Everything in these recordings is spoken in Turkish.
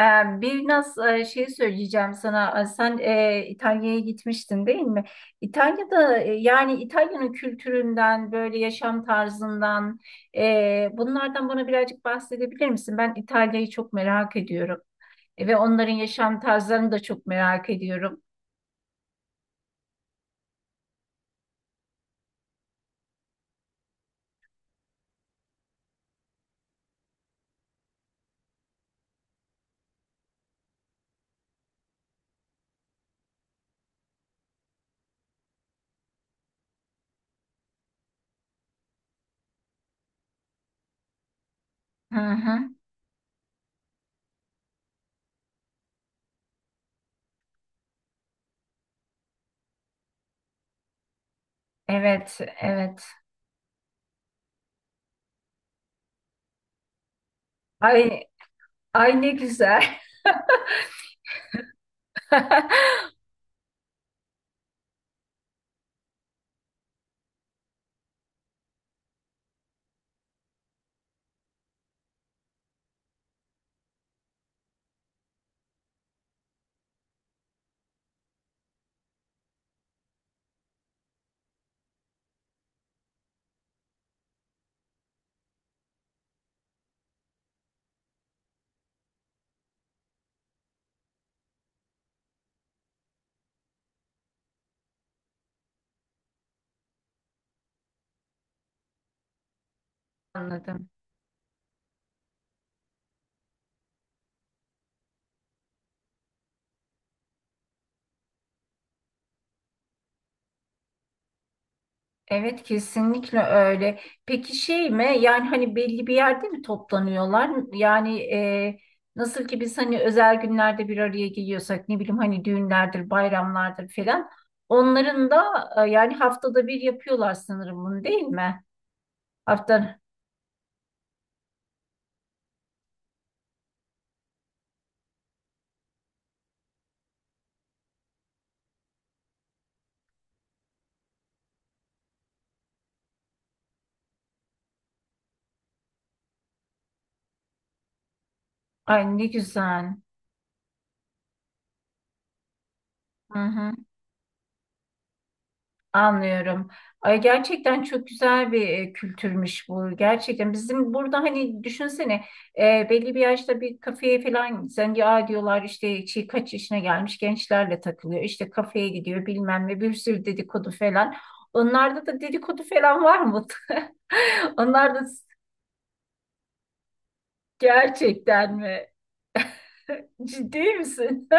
Ee, Bir nasıl şey söyleyeceğim sana. Sen İtalya'ya gitmiştin değil mi? İtalya'da yani İtalya'nın kültüründen, böyle yaşam tarzından, bunlardan bana birazcık bahsedebilir misin? Ben İtalya'yı çok merak ediyorum. Ve onların yaşam tarzlarını da çok merak ediyorum. Hı hı. Evet, evet. Ay, ay ne güzel. Anladım. Evet, kesinlikle öyle. Peki şey mi? Yani hani belli bir yerde mi toplanıyorlar? Yani, nasıl ki biz hani özel günlerde bir araya geliyorsak, ne bileyim, hani düğünlerdir, bayramlardır falan. Onların da yani haftada bir yapıyorlar sanırım bunu, değil mi? Hafta. Ay ne güzel. Hı hı. Anlıyorum. Ay gerçekten çok güzel bir kültürmüş bu. Gerçekten bizim burada hani düşünsene, belli bir yaşta bir kafeye falan sen, ya diyorlar işte şey, kaç yaşına gelmiş gençlerle takılıyor. İşte kafeye gidiyor bilmem ne, bir sürü dedikodu falan. Onlarda da dedikodu falan var mı? Onlar da gerçekten mi? Ciddi misin?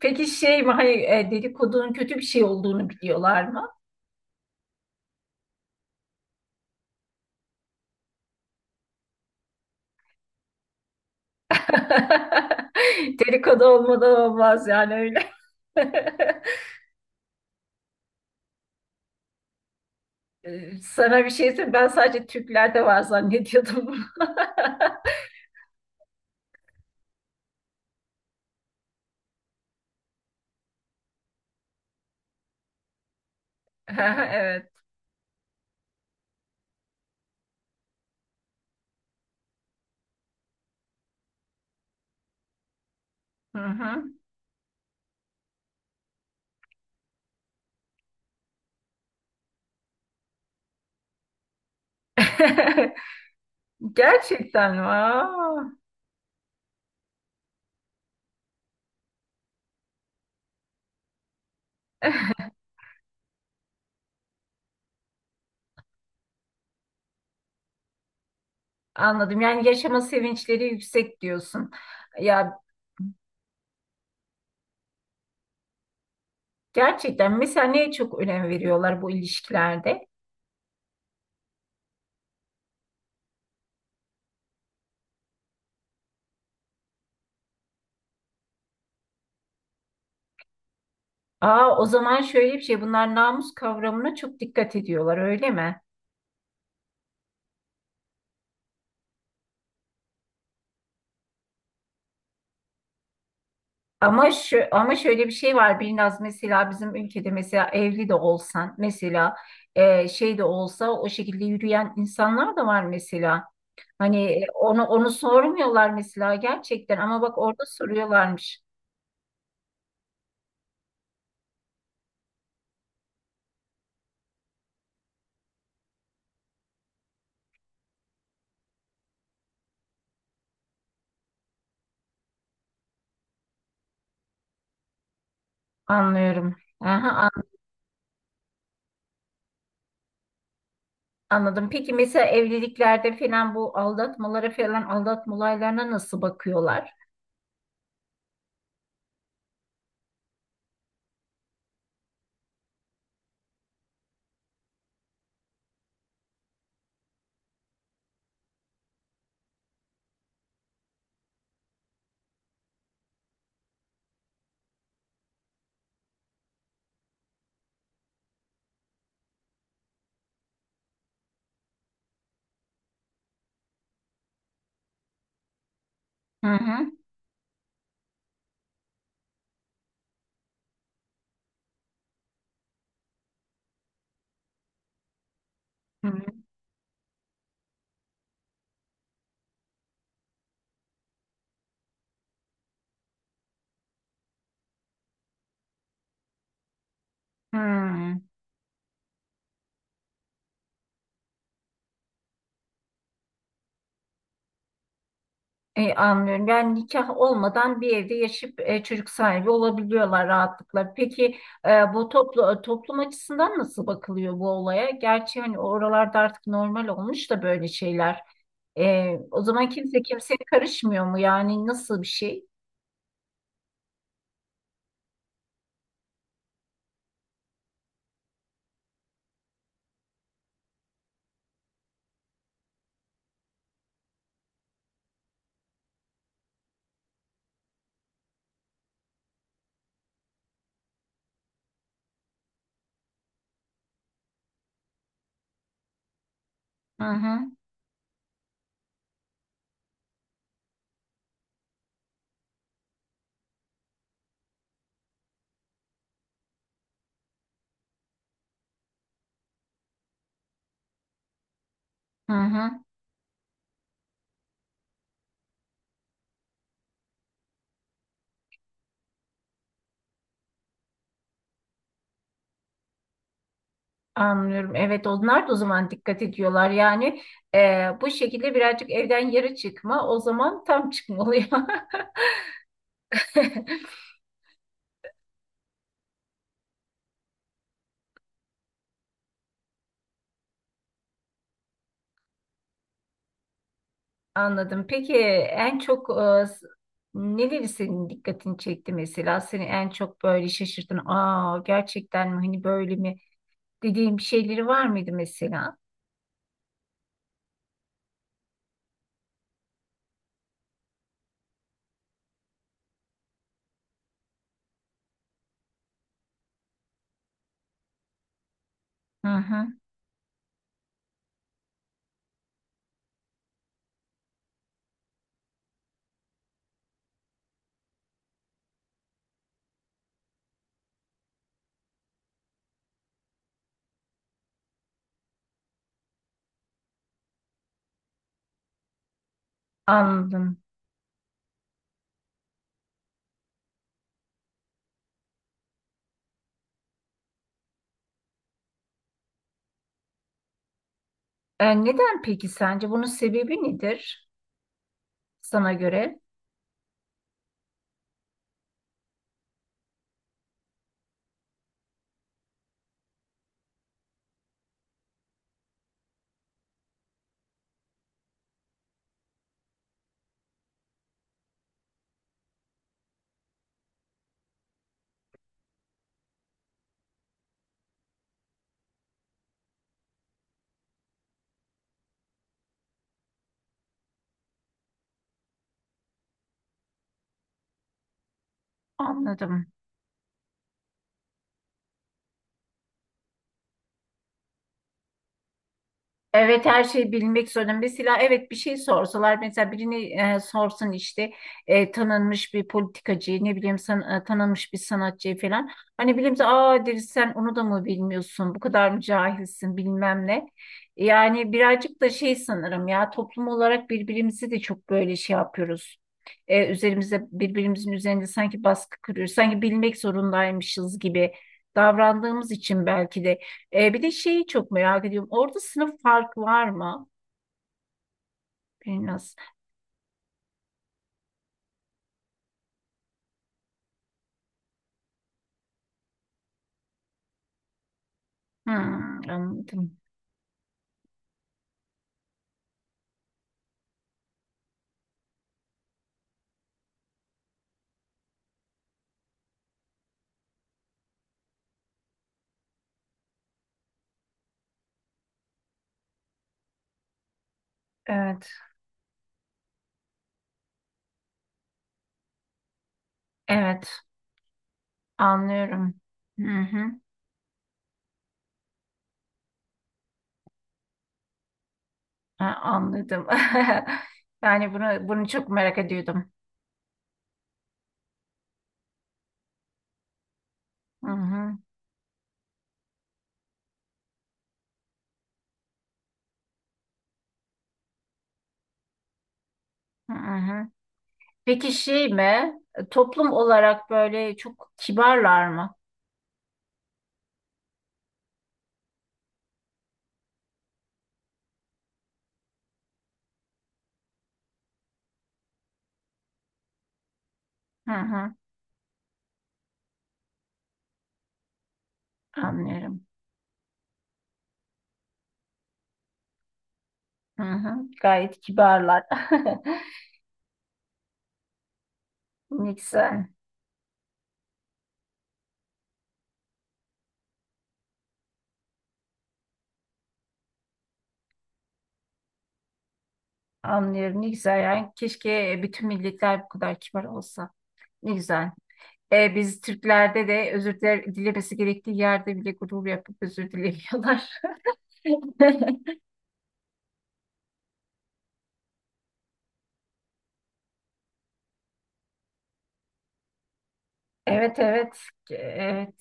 Peki şey mi, hani dedikodunun kötü bir şey olduğunu biliyorlar mı? Dedikodu olmadan olmaz yani, öyle. Sana bir şey söyleyeyim. Ben sadece Türklerde var zannediyordum bunu. Evet. Hı hı. Gerçekten. Aa, anladım. Yani yaşama sevinçleri yüksek diyorsun. Ya, gerçekten mesela neye çok önem veriyorlar bu ilişkilerde? Aa, o zaman şöyle bir şey, bunlar namus kavramına çok dikkat ediyorlar, öyle mi? Ama şu, ama şöyle bir şey var biraz, mesela bizim ülkede mesela evli de olsan mesela, şey de olsa o şekilde yürüyen insanlar da var mesela. Hani onu sormuyorlar mesela gerçekten, ama bak orada soruyorlarmış. Anlıyorum. Aha, anladım. Peki mesela evliliklerde falan bu aldatmalara falan, aldatma olaylarına nasıl bakıyorlar? Hı hı. Hı hı. Hı. E, anlıyorum. Yani nikah olmadan bir evde yaşayıp çocuk sahibi olabiliyorlar rahatlıkla. Peki toplum açısından nasıl bakılıyor bu olaya? Gerçi hani oralarda artık normal olmuş da böyle şeyler. E, o zaman kimse kimseye karışmıyor mu? Yani nasıl bir şey? Hı hı. Hı hı. Anlıyorum. Evet, onlar da o zaman dikkat ediyorlar. Yani bu şekilde birazcık evden yarı çıkma, o zaman tam çıkma oluyor. Anladım. Peki en çok e, s- neleri senin dikkatini çekti mesela? Seni en çok böyle şaşırtan, aa gerçekten mi, hani böyle mi dediğim bir şeyleri var mıydı mesela? Hı hı, anladım. E, neden peki sence? Bunun sebebi nedir sana göre? Anladım. Evet, her şeyi bilmek zorunda. Mesela evet, bir şey sorsalar mesela birini, sorsun işte tanınmış bir politikacıyı, ne bileyim tanınmış bir sanatçıyı falan. Hani bilimse aa deriz, sen onu da mı bilmiyorsun, bu kadar mı cahilsin, bilmem ne. Yani birazcık da şey sanırım ya, toplum olarak birbirimizi de çok böyle şey yapıyoruz. E, üzerimize Birbirimizin üzerinde sanki baskı kuruyoruz. Sanki bilmek zorundaymışız gibi davrandığımız için belki de. E, bir de şeyi çok merak ediyorum. Orada sınıf farkı var mı? Biraz. Hmm, anladım. Evet. Evet. Anlıyorum. Hı hı. Ha, anladım. Yani bunu çok merak ediyordum. Hı hı. Hı hı. Peki şey mi? Toplum olarak böyle çok kibarlar mı? Hı hı. Anlıyorum. Hı hı. Gayet kibarlar. Ne güzel. Anlıyorum. Ne güzel. Yani keşke bütün milletler bu kadar kibar olsa. Ne güzel. E, biz Türklerde de dilemesi gerektiği yerde bile gurur yapıp özür dilemiyorlar. Evet, evet, evet,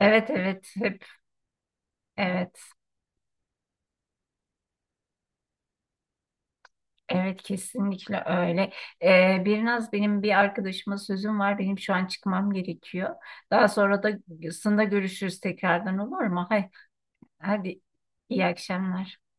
evet, evet, hep evet, evet, kesinlikle öyle. Bir benim bir arkadaşıma sözüm var, benim şu an çıkmam gerekiyor. Daha sonra da sında görüşürüz tekrardan, olur mu? Hay, hadi, iyi akşamlar.